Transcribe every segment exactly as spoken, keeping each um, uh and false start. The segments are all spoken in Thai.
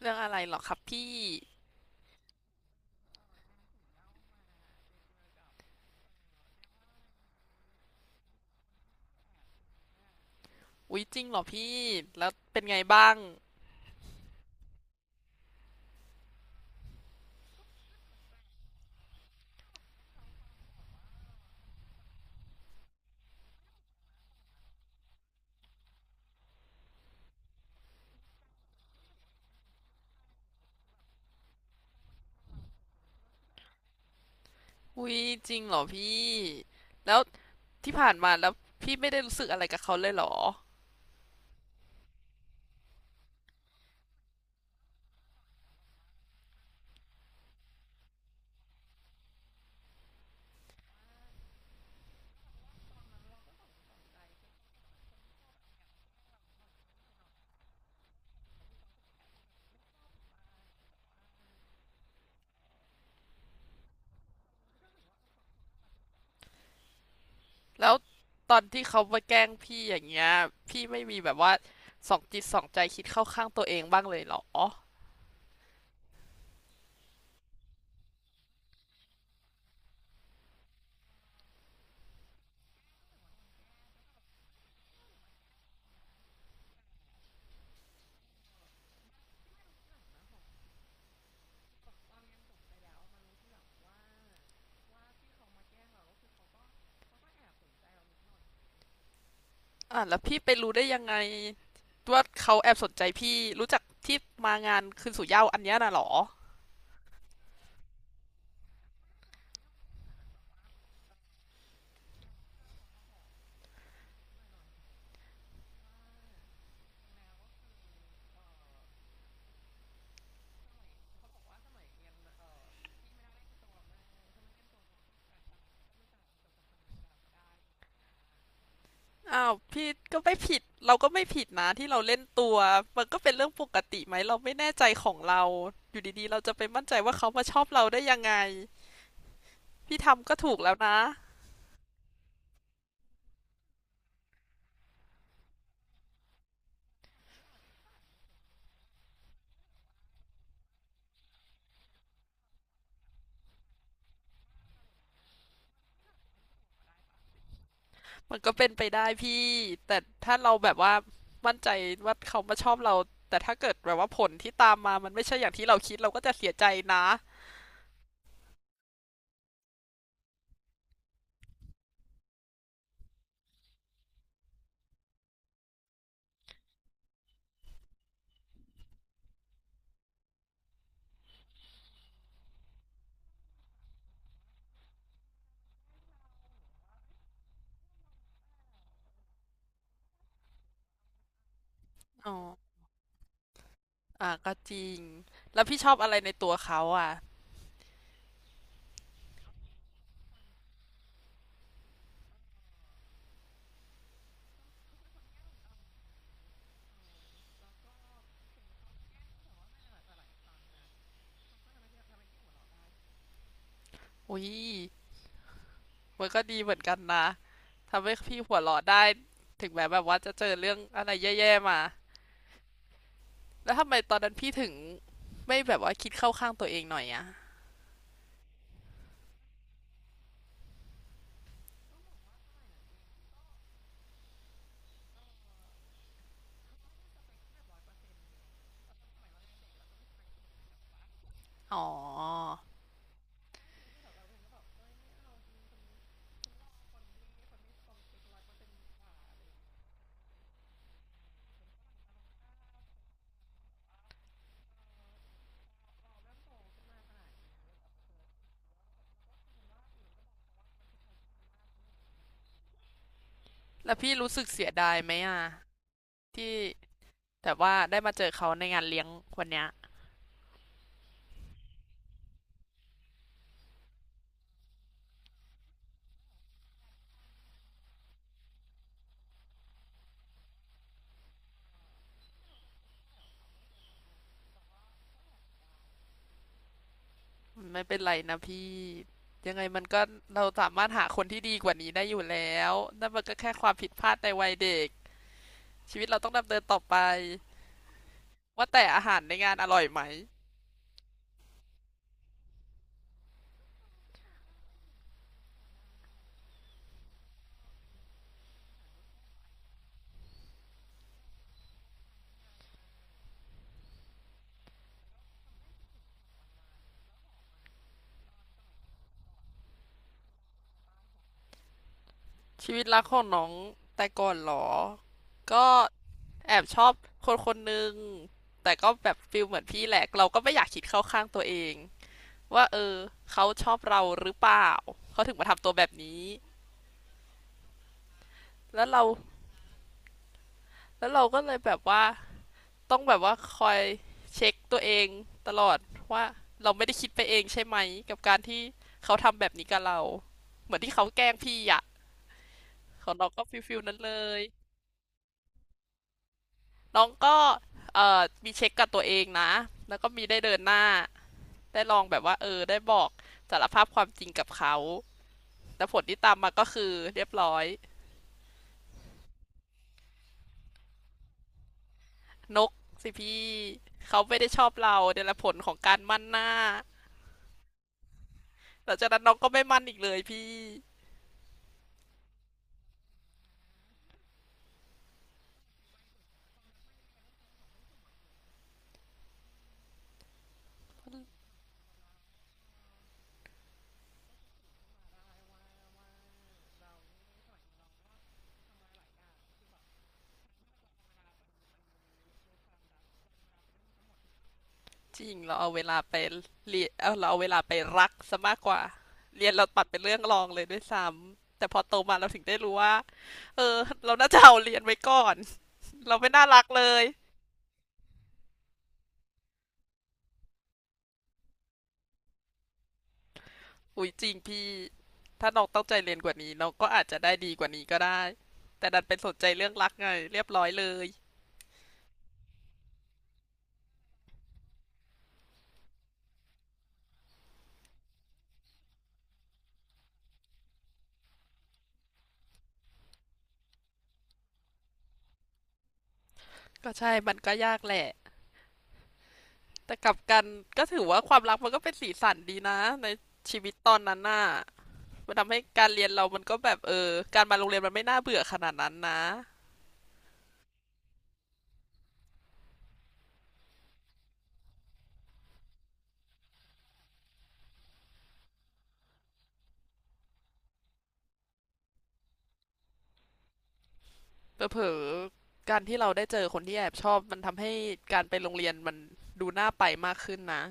เรื่องอะไรเหรอครับพี่อุ๊ยจริงเหรอพี่แล้วเป็นไงบ้างอุ๊ยจริงเหรอพี่แล้วที่ผ่านมาแล้วพี่ไม่ได้รู้สึกอะไรกับเขาเลยเหรอแล้วตอนที่เขามาแกล้งพี่อย่างเงี้ยพี่ไม่มีแบบว่าสองจิตสองใจคิดเข้าข้างตัวเองบ้างเลยเหรออ่ะแล้วพี่ไปรู้ได้ยังไงว่าเขาแอบสนใจพี่รู้จักที่มางานคืนสู่เหย้าอันเนี้ยน่ะเหรอ อ้าวพี่ก็ไม่ผิดเราก็ไม่ผิดนะที่เราเล่นตัวมันก็เป็นเรื่องปกติไหมเราไม่แน่ใจของเราอยู่ดีๆเราจะไปมั่นใจว่าเขามาชอบเราได้ยังไงพี่ทำก็ถูกแล้วนะมันก็เป็นไปได้พี่แต่ถ้าเราแบบว่ามั่นใจว่าเขามาชอบเราแต่ถ้าเกิดแบบว่าผลที่ตามมามันไม่ใช่อย่างที่เราคิดเราก็จะเสียใจนะอ๋ออ่ะก็จริงแล้วพี่ชอบอะไรในตัวเขาอ่ะอุ้ย มันก็ดีเหมือนกันนะ ทำให้พี่หัวเราะได้ถึงแม้แบบว่าจะเจอเรื่องอะไรแย่ๆมาแล้วทำไมตอนนั้นพี่ถึงไม่แบบว่าคิดเข้าข้างตัวเองหน่อยอะอ๋อแล้วพี่รู้สึกเสียดายไหมอะที่แบบว่าได้มาเจอเขาในงานเลี้ยงวันเนี้ยไม่เป็นไรนะพี่ยังไงมันก็เราสามารถหาคนที่ดีกว่านี้ได้อยู่แล้วนั่นมันก็แค่ความผิดพลาดในวัยเด็กชีวิตเราต้องดำเนินต่อไปว่าแต่อาหารในงานอร่อยไหม ชีวิตรักของน้องแต่ก่อนเหรอ ก็แอบชอบคนคนหนึ่งแต่ก็แบบฟิลเหมือนพี่แหละเราก็ไม่อยากคิดเข้าข้างตัวเองว่าเออเขาชอบเราหรือเปล่า เขาถึงมาทำตัวแบบนี้ แล้วเราแล้วเราก็เลยแบบว่าต้องแบบว่าคอยเช็คตัวเองตลอดว่าเราไม่ได้คิดไปเองใช่ไหมกับการที่เขาทำแบบนี้กับเรา เหมือนที่เขาแกล้งพี่อะของเราก็ฟิลฟิลนั้นเลย น้องก็เอ่อมีเช็คกับตัวเองนะ แล้วก็มีได้เดินหน้า ได้ลองแบบว่าเออได้บอกสารภาพความจริงกับเขาแต่ผลที่ตามมาก็คือเรียบร้อยนกสิพี่เขาไม่ได้ชอบเราเนี่ยแหละผลของการมั่นหน้าหลังจากนั้นน้องก็ไม่มั่นอีกเลยพี่จริงเราเอาเวลาไปเรียนเอาเราเอาเวลาไปรักซะมากกว่าเรียนเราปัดเป็นเรื่องรองเลยด้วยซ้ำแต่พอโตมาเราถึงได้รู้ว่าเออเราน่าจะเอาเรียนไว้ก่อนเราไม่น่ารักเลย อุ๊ยจริงพี่ถ้าน้องตั้งใจเรียนกว่านี้น้องก็อาจจะได้ดีกว่านี้ก็ได้แต่ดันไปสนใจเรื่องรักไงเรียบร้อยเลยก็ใช่มันก็ยากแหละแต่กลับกันก็ถือว่าความรักมันก็เป็นสีสันดีนะในชีวิตตอนนั้นน่ะมันทำให้การเรียนเรามันก็แบบเออการมาโรงเรียนมันไม่น่าเบื่อขนาดนั้นนะเผลอๆการที่เราได้เจอคนที่แอบชอบมันทำให้การไปโรงเรียนมันดูน่าไปมากขึ้นนะ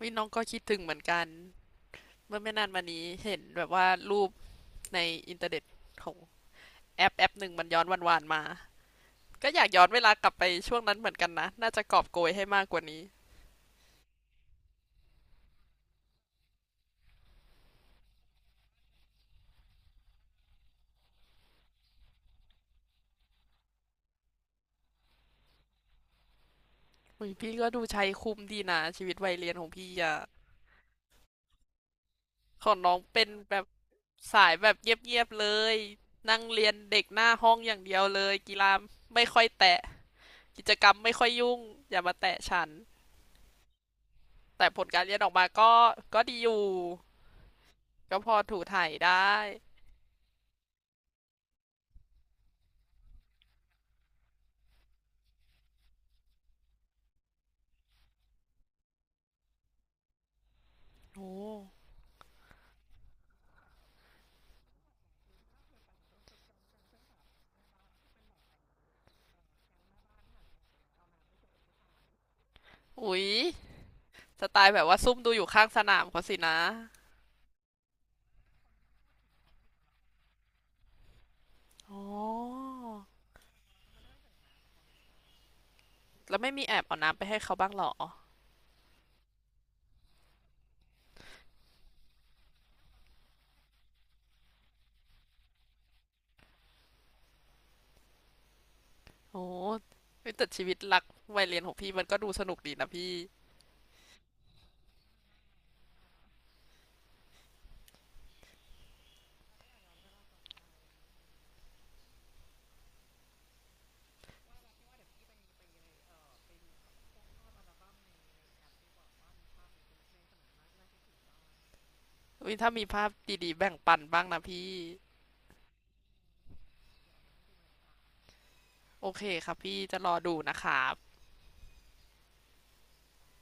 วิน้องก็คิดถึงเหมือนกันเมื่อไม่นานมานี้เห็นแบบว่ารูป ในอินเทอร์เน็ตของแอปแอปหนึ่งมันย้อนวันๆมาก็อยากย้อนเวลากลับไปช่วงนั้นเหมือนกันนะน่าจะกอบโกยให้มากกว่านี้อยพี่ก็ดูใช้คุ้มดีนะชีวิตวัยเรียนของพี่อะของน้องเป็นแบบสายแบบเงียบๆเลยนั่งเรียนเด็กหน้าห้องอย่างเดียวเลยกีฬาไม่ค่อยแตะกิจกรรมไม่ค่อยยุ่งอย่ามาแตะฉันแต่ผลการเรียนออกมาก็ก็ดีอยู่ก็พอถูถ่ายได้โอ้อุสไตล์แบบว่าซุ่มดูอยู่ข้างสนามเขาสินะ อ๋อแล้วไม่มีแอบเอาน้ำไปให้เขาบ้างเหรอ โอ้เฮ้ยแต่ชีวิตรักวัยเรียนของพี่มันก็ดูสนุกดีนะพี่เฮ้ยถ้ามีภาพดีๆแบ่งปันบ้างนะพี่ โอเคครับพี่จะรอดูนะครับ